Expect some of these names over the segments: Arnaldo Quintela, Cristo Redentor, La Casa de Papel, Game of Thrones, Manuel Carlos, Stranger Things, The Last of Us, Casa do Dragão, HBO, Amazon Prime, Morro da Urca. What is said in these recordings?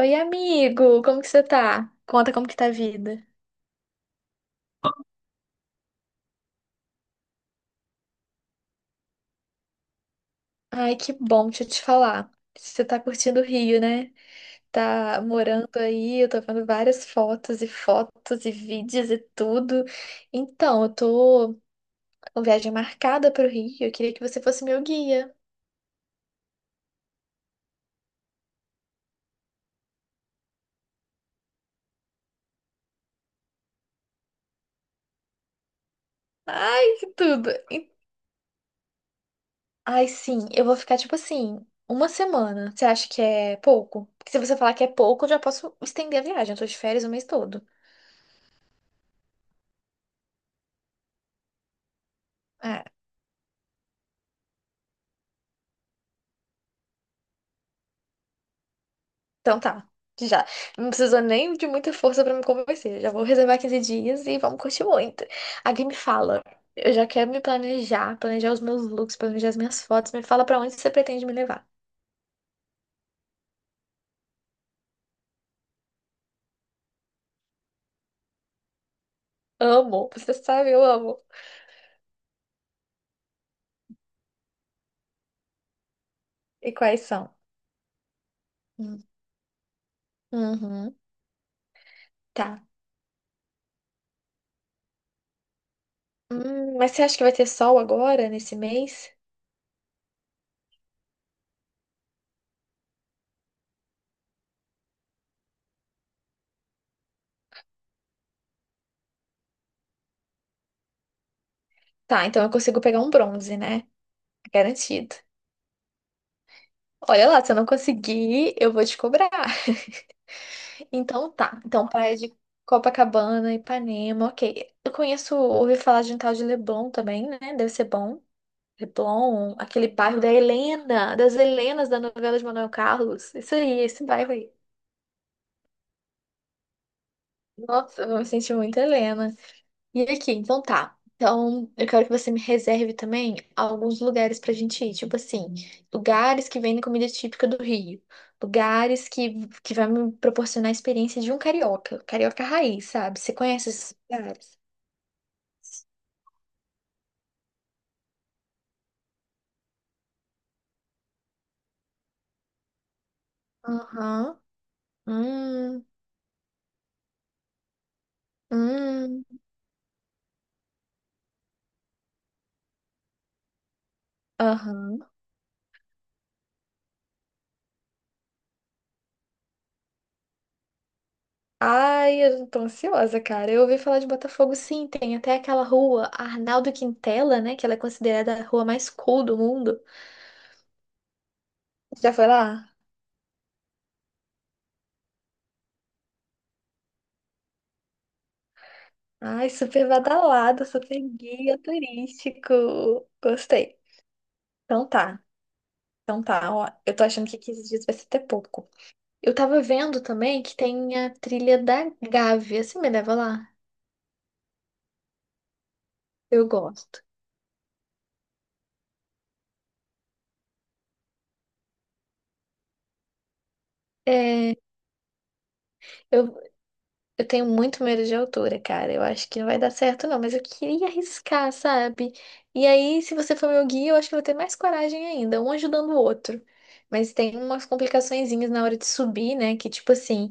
Oi, amigo, como que você tá? Conta como que tá a vida. Ai, que bom, deixa eu te falar. Você tá curtindo o Rio, né? Tá morando aí, eu tô vendo várias fotos e fotos e vídeos e tudo. Então, eu tô com viagem marcada pro Rio, eu queria que você fosse meu guia. Ai, que tudo. Ai, sim, eu vou ficar tipo assim, uma semana. Você acha que é pouco? Porque se você falar que é pouco, eu já posso estender a viagem, eu tô de férias o mês todo. É. Então tá, já. Não precisou nem de muita força pra me convencer. Já vou reservar 15 dias e vamos curtir muito. Alguém me fala. Eu já quero me planejar, planejar os meus looks, planejar as minhas fotos. Me fala pra onde você pretende me levar. Amo, você sabe, eu amo. E quais são? Hum. Uhum, tá. Mas você acha que vai ter sol agora, nesse mês? Tá, então eu consigo pegar um bronze, né? Garantido. Olha lá, se eu não conseguir, eu vou te cobrar. Então tá. Então, praia de Copacabana, Ipanema, ok. Eu conheço, ouvi falar de um tal de Leblon também, né? Deve ser bom. Leblon, aquele bairro da Helena, das Helenas da novela de Manuel Carlos. Isso aí, esse bairro aí. Nossa, eu me sentir muito Helena. E aqui, então tá. Então, eu quero que você me reserve também alguns lugares pra gente ir. Tipo assim, lugares que vendem comida típica do Rio. Lugares que vai me proporcionar a experiência de um carioca. Carioca raiz, sabe? Você conhece esses lugares? Aham. Hum. Hum. Aham. Ai, eu tô ansiosa, cara. Eu ouvi falar de Botafogo, sim. Tem até aquela rua Arnaldo Quintela, né? Que ela é considerada a rua mais cool do mundo. Já foi lá? Ai, super badalado, super guia turístico. Gostei. Então tá, então tá. Ó, eu tô achando que 15 dias vai ser até pouco. Eu tava vendo também que tem a trilha da Gávea. Você me leva lá? Eu gosto. É, eu, Eu tenho muito medo de altura, cara. Eu acho que não vai dar certo, não. Mas eu queria arriscar, sabe? E aí, se você for meu guia, eu acho que eu vou ter mais coragem ainda, um ajudando o outro. Mas tem umas complicaçõezinhas na hora de subir, né? Que, tipo assim,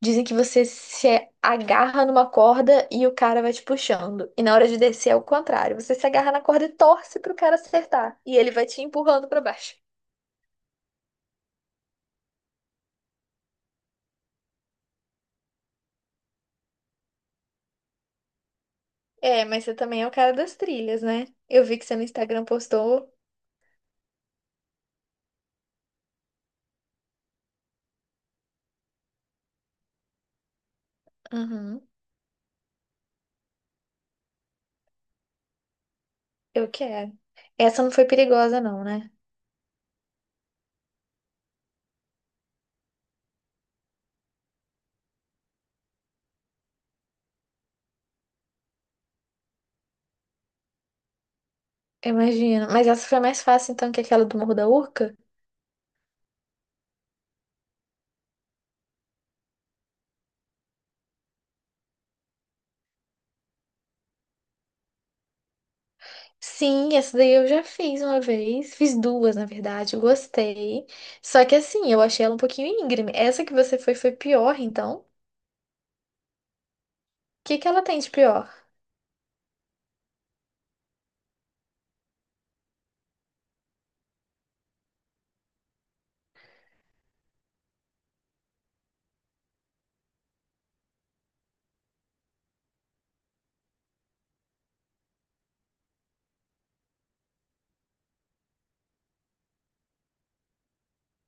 dizem que você se agarra numa corda e o cara vai te puxando. E na hora de descer é o contrário. Você se agarra na corda e torce pro cara acertar. E ele vai te empurrando pra baixo. É, mas você também é o cara das trilhas, né? Eu vi que você no Instagram postou. Uhum. Eu quero. Essa não foi perigosa, não, né? Imagina. Mas essa foi mais fácil, então, que aquela do Morro da Urca? Sim, essa daí eu já fiz uma vez. Fiz duas, na verdade. Eu gostei. Só que assim, eu achei ela um pouquinho íngreme. Essa que você foi pior, então. O que que ela tem de pior?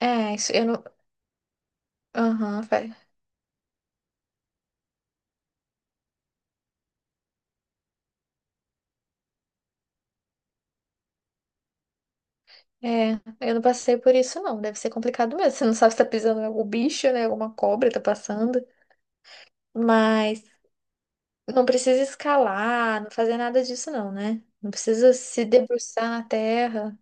É, isso eu não. Aham, é. Eu não passei por isso, não. Deve ser complicado mesmo. Você não sabe se tá pisando em algum bicho, né? Alguma cobra tá passando. Mas. Não precisa escalar, não fazer nada disso, não, né? Não precisa se debruçar na terra.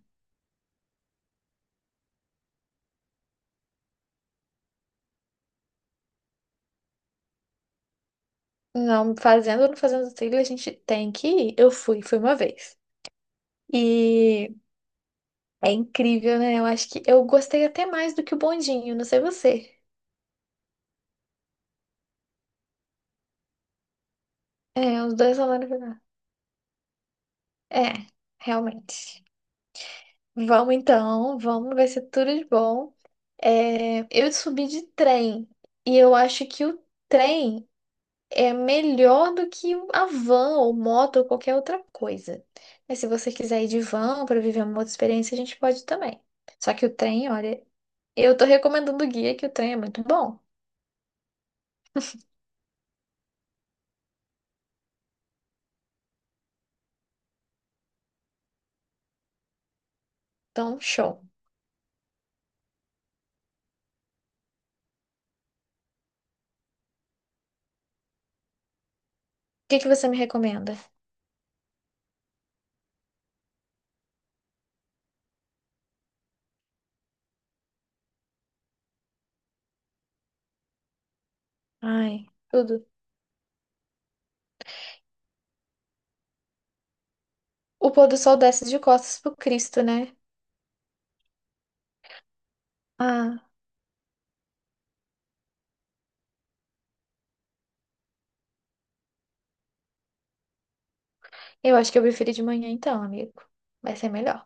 Não, fazendo ou não fazendo trilha, a gente tem que ir. Eu fui uma vez. E é incrível, né? Eu acho que eu gostei até mais do que o bondinho, não sei você. É, os dois são a verdade. É, realmente. Vamos então, vamos, vai ser tudo de bom. É, eu subi de trem e eu acho que o trem é melhor do que a van ou moto ou qualquer outra coisa. Mas se você quiser ir de van para viver uma outra experiência, a gente pode também. Só que o trem, olha, eu tô recomendando o guia que o trem é muito bom. Então, show. O que que você me recomenda? Ai, tudo. O pôr do sol desce de costas pro Cristo, né? Ah, eu acho que eu preferi de manhã então, amigo. Vai ser melhor.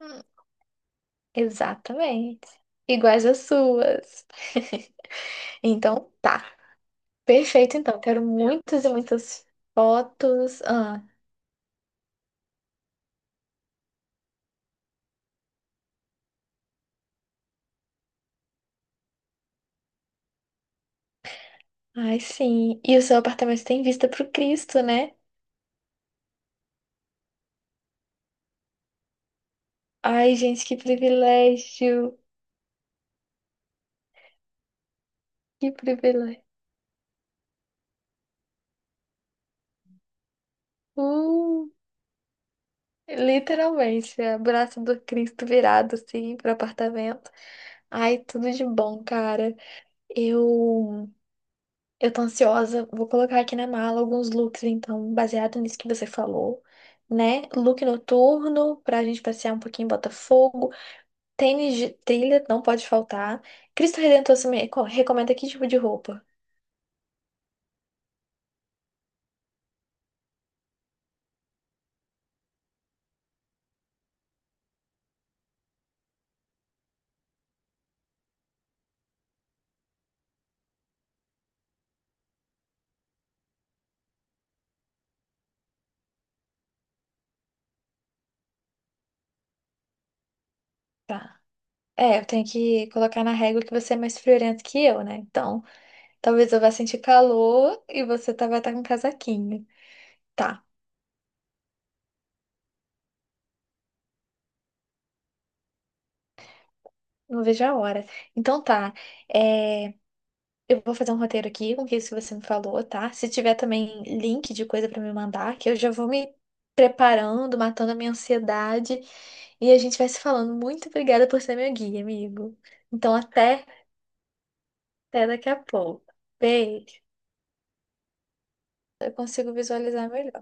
Hum, exatamente. Iguais às suas. Então, tá. Perfeito, então. Quero muitas e muitas fotos. Ah, ai, sim. E o seu apartamento tem vista pro Cristo, né? Ai, gente, que privilégio. Que privilégio. Uh, Literalmente, é o braço do Cristo virado, assim, pro apartamento. Ai, tudo de bom, cara. Eu, eu tô ansiosa. Vou colocar aqui na mala alguns looks, então, baseado nisso que você falou. Né? Look noturno pra gente passear um pouquinho em Botafogo. Tênis de trilha não pode faltar. Cristo Redentor você me recomenda que tipo de roupa? Tá. É, eu tenho que colocar na régua que você é mais friorento que eu, né? Então, talvez eu vá sentir calor e vai estar com casaquinho. Tá, não vejo a hora. Então tá, é, eu vou fazer um roteiro aqui com isso que você me falou, tá? Se tiver também link de coisa pra me mandar, que eu já vou me preparando, matando a minha ansiedade. E a gente vai se falando. Muito obrigada por ser meu guia, amigo. Então, até. Até daqui a pouco. Beijo. Eu consigo visualizar melhor.